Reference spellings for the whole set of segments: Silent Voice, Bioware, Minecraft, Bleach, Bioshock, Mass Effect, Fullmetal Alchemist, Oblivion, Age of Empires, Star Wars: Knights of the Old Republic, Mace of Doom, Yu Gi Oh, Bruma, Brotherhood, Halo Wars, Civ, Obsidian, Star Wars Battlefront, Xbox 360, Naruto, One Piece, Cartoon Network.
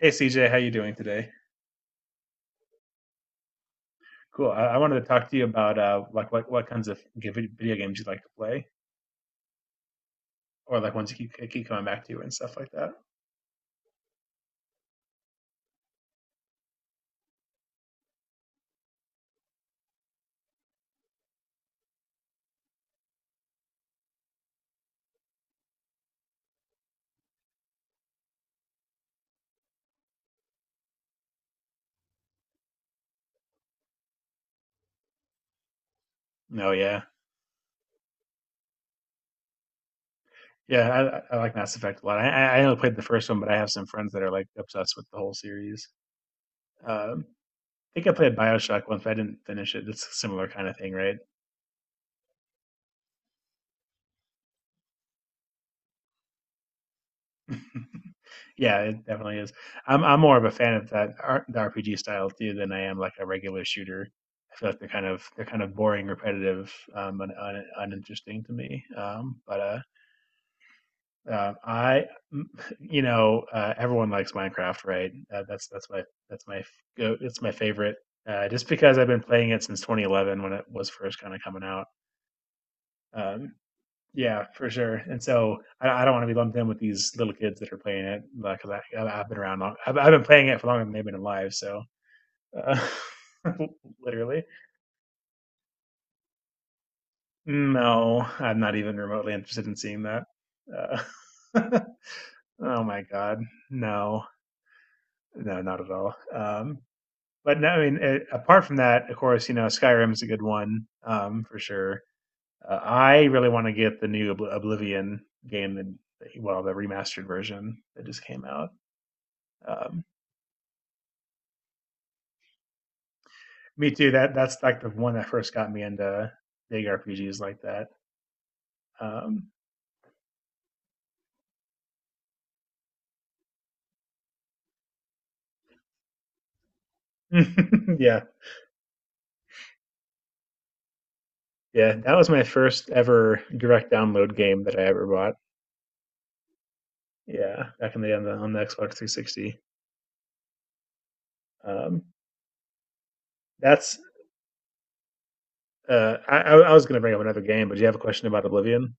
Hey CJ, how you doing today? Cool. I wanted to talk to you about like what kinds of video games you like to play, or like ones you keep coming back to and stuff like that. No, yeah, yeah. I like Mass Effect a lot. I only played the first one, but I have some friends that are like obsessed with the whole series. Um, think I played Bioshock once, but I didn't finish it. It's a similar kind of thing, right? Yeah, it definitely is. I'm more of a fan of the RPG style too than I am like a regular shooter. I feel like they're kind of boring, repetitive, and uninteresting to me. Uh, I, you know, everyone likes Minecraft, right? That's my go. It's my favorite. Just because I've been playing it since 2011 when it was first kind of coming out. Um, Yeah, for sure. And so I don't want to be lumped in with these little kids that are playing it because I've been around long. I've been playing it for longer than they've been alive. So uh, literally, no, I'm not even remotely interested in seeing that. Uh, oh my God, no, no, not at all. But no, I mean, it, apart from that, of course, you know, Skyrim's a good one, for sure. I really want to get the new Oblivion game well, the remastered version that just came out. Um, me too. That's like the one that first got me into big RPGs like that. Um, yeah, yeah, that was my first ever direct download game that I ever bought. Yeah, back in the on the, on the Xbox 360. Um, that's I was going to bring up another game, but do you have a question about Oblivion?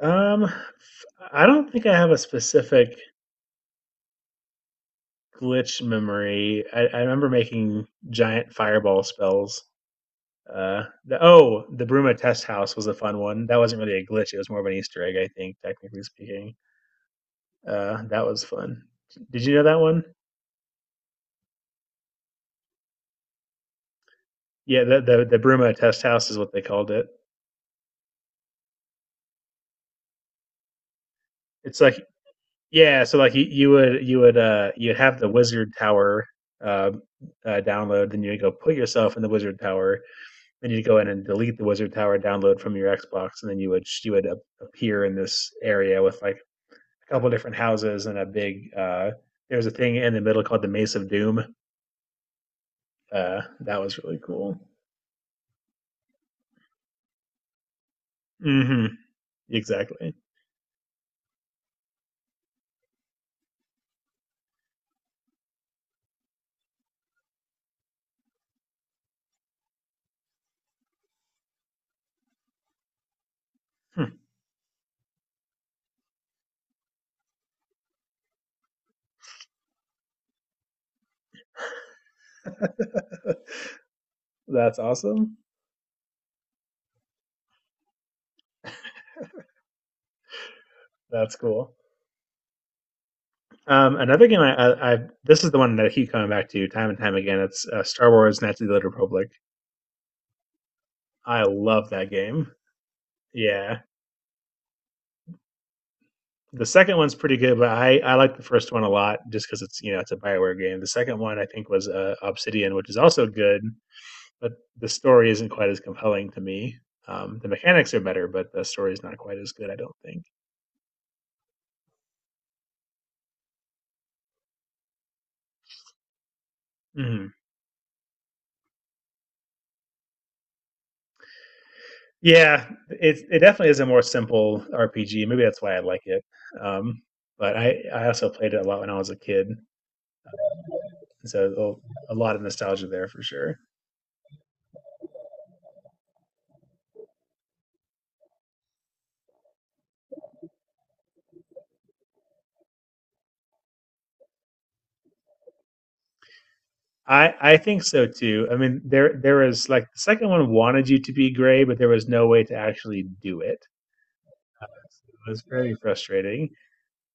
I don't think I have a specific glitch memory. I remember making giant fireball spells. Oh, the Bruma test house was a fun one. That wasn't really a glitch. It was more of an Easter egg, I think, technically speaking. That was fun. Did you know that one? Yeah, the Bruma test house is what they called it. It's like yeah, so like you'd have the wizard tower uh, download, then you would go put yourself in the wizard tower. Then you'd go in and delete the Wizard Tower download from your Xbox, and then you would appear in this area with like a couple different houses and a big. There's a thing in the middle called the Mace of Doom. That was really cool. hmm Exactly. Hmm. That's awesome. That's cool. Another game I this is the one that I keep coming back to time and time again. It's Star Wars: Knights of the Old Republic. I love that game. Yeah, the second one's pretty good, but I like the first one a lot just because it's you know it's a Bioware game. The second one I think was Obsidian, which is also good, but the story isn't quite as compelling to me. The mechanics are better, but the story is not quite as good. I don't think. Hmm. Yeah, it definitely is a more simple RPG. Maybe that's why I like it. Um, but I also played it a lot when I was a kid, so a lot of nostalgia there for sure. I think so too. I mean, there was like the second one wanted you to be gray, but there was no way to actually do it. It was very frustrating.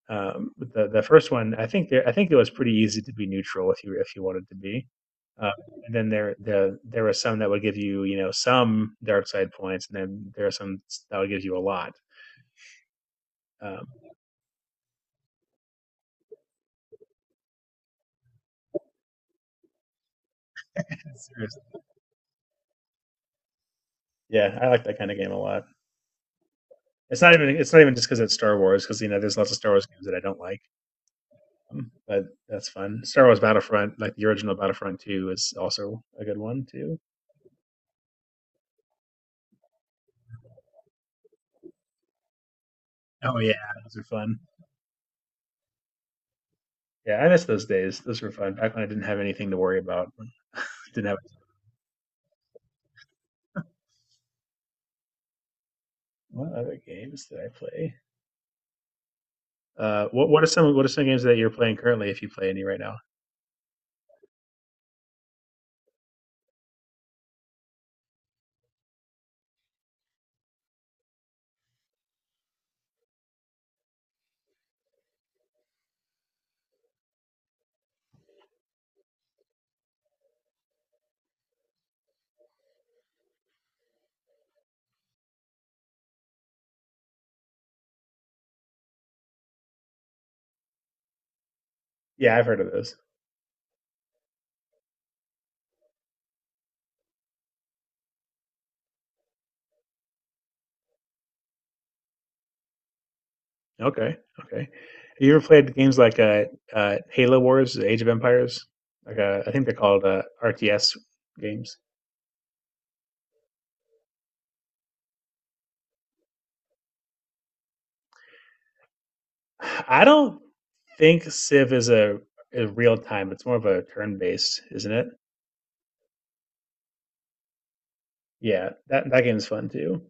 But the first one, I think there I think it was pretty easy to be neutral if you wanted to be. Uh, and then there were some that would give you you know some dark side points, and then there are some that would give you a lot. Um, yeah, I like that kind of game a lot. It's not even just because it's Star Wars because you know there's lots of Star Wars games that I don't like, but that's fun. Star Wars Battlefront, like the original Battlefront Two, is also a good one too. Oh yeah, those are fun. Yeah, I miss those days. Those were fun back when I didn't have anything to worry about. Didn't have what other games did I play? What are some games that you're playing currently if you play any right now? Yeah, I've heard of those. Okay, okay. You ever played games like Halo Wars, the Age of Empires? Like I think they're called RTS games. I don't think Civ is a real time. It's more of a turn based, isn't it? Yeah, that that game's fun too.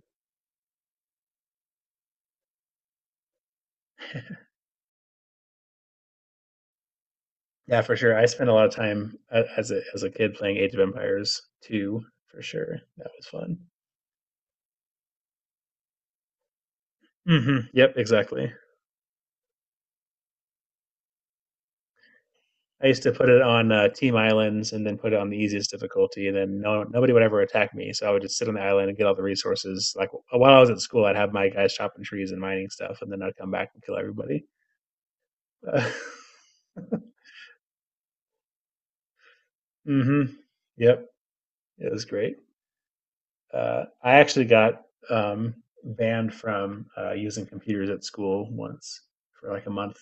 Yeah, for sure. I spent a lot of time as a kid playing Age of Empires 2, for sure. That was fun. Yep, exactly. I used to put it on team islands and then put it on the easiest difficulty, and then no nobody would ever attack me. So I would just sit on the island and get all the resources. Like while I was at school, I'd have my guys chopping trees and mining stuff, and then I'd come back and kill everybody. Uh, hmm Yep, it was great. I actually got um, banned from using computers at school once for like a month.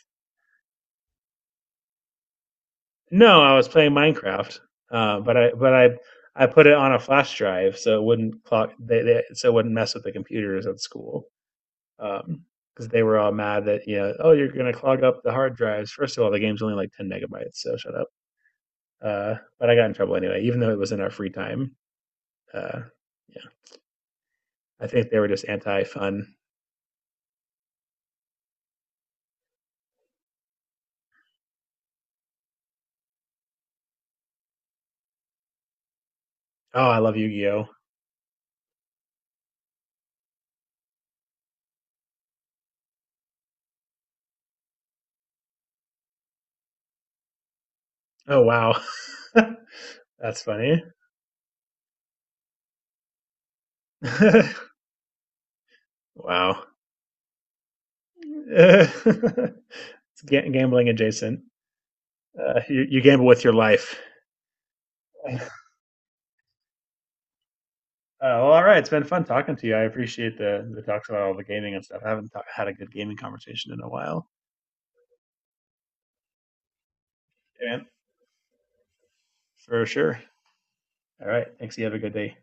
No, I was playing Minecraft, but I put it on a flash drive so it wouldn't clock they so it wouldn't mess with the computers at school because they were all mad that you know oh you're gonna clog up the hard drives. First of all, the game's only like 10 megabytes, so shut up. But I got in trouble anyway, even though it was in our free time. Uh, yeah, I think they were just anti fun. Oh, I love Yu Gi Oh. Oh wow, that's funny. wow, it's gambling adjacent. You gamble with your life. Uh, well, all right. It's been fun talking to you. I appreciate the talks about all the gaming and stuff. I haven't had a good gaming conversation in a while. Yeah, man, for sure. All right. Thanks. You have a good day.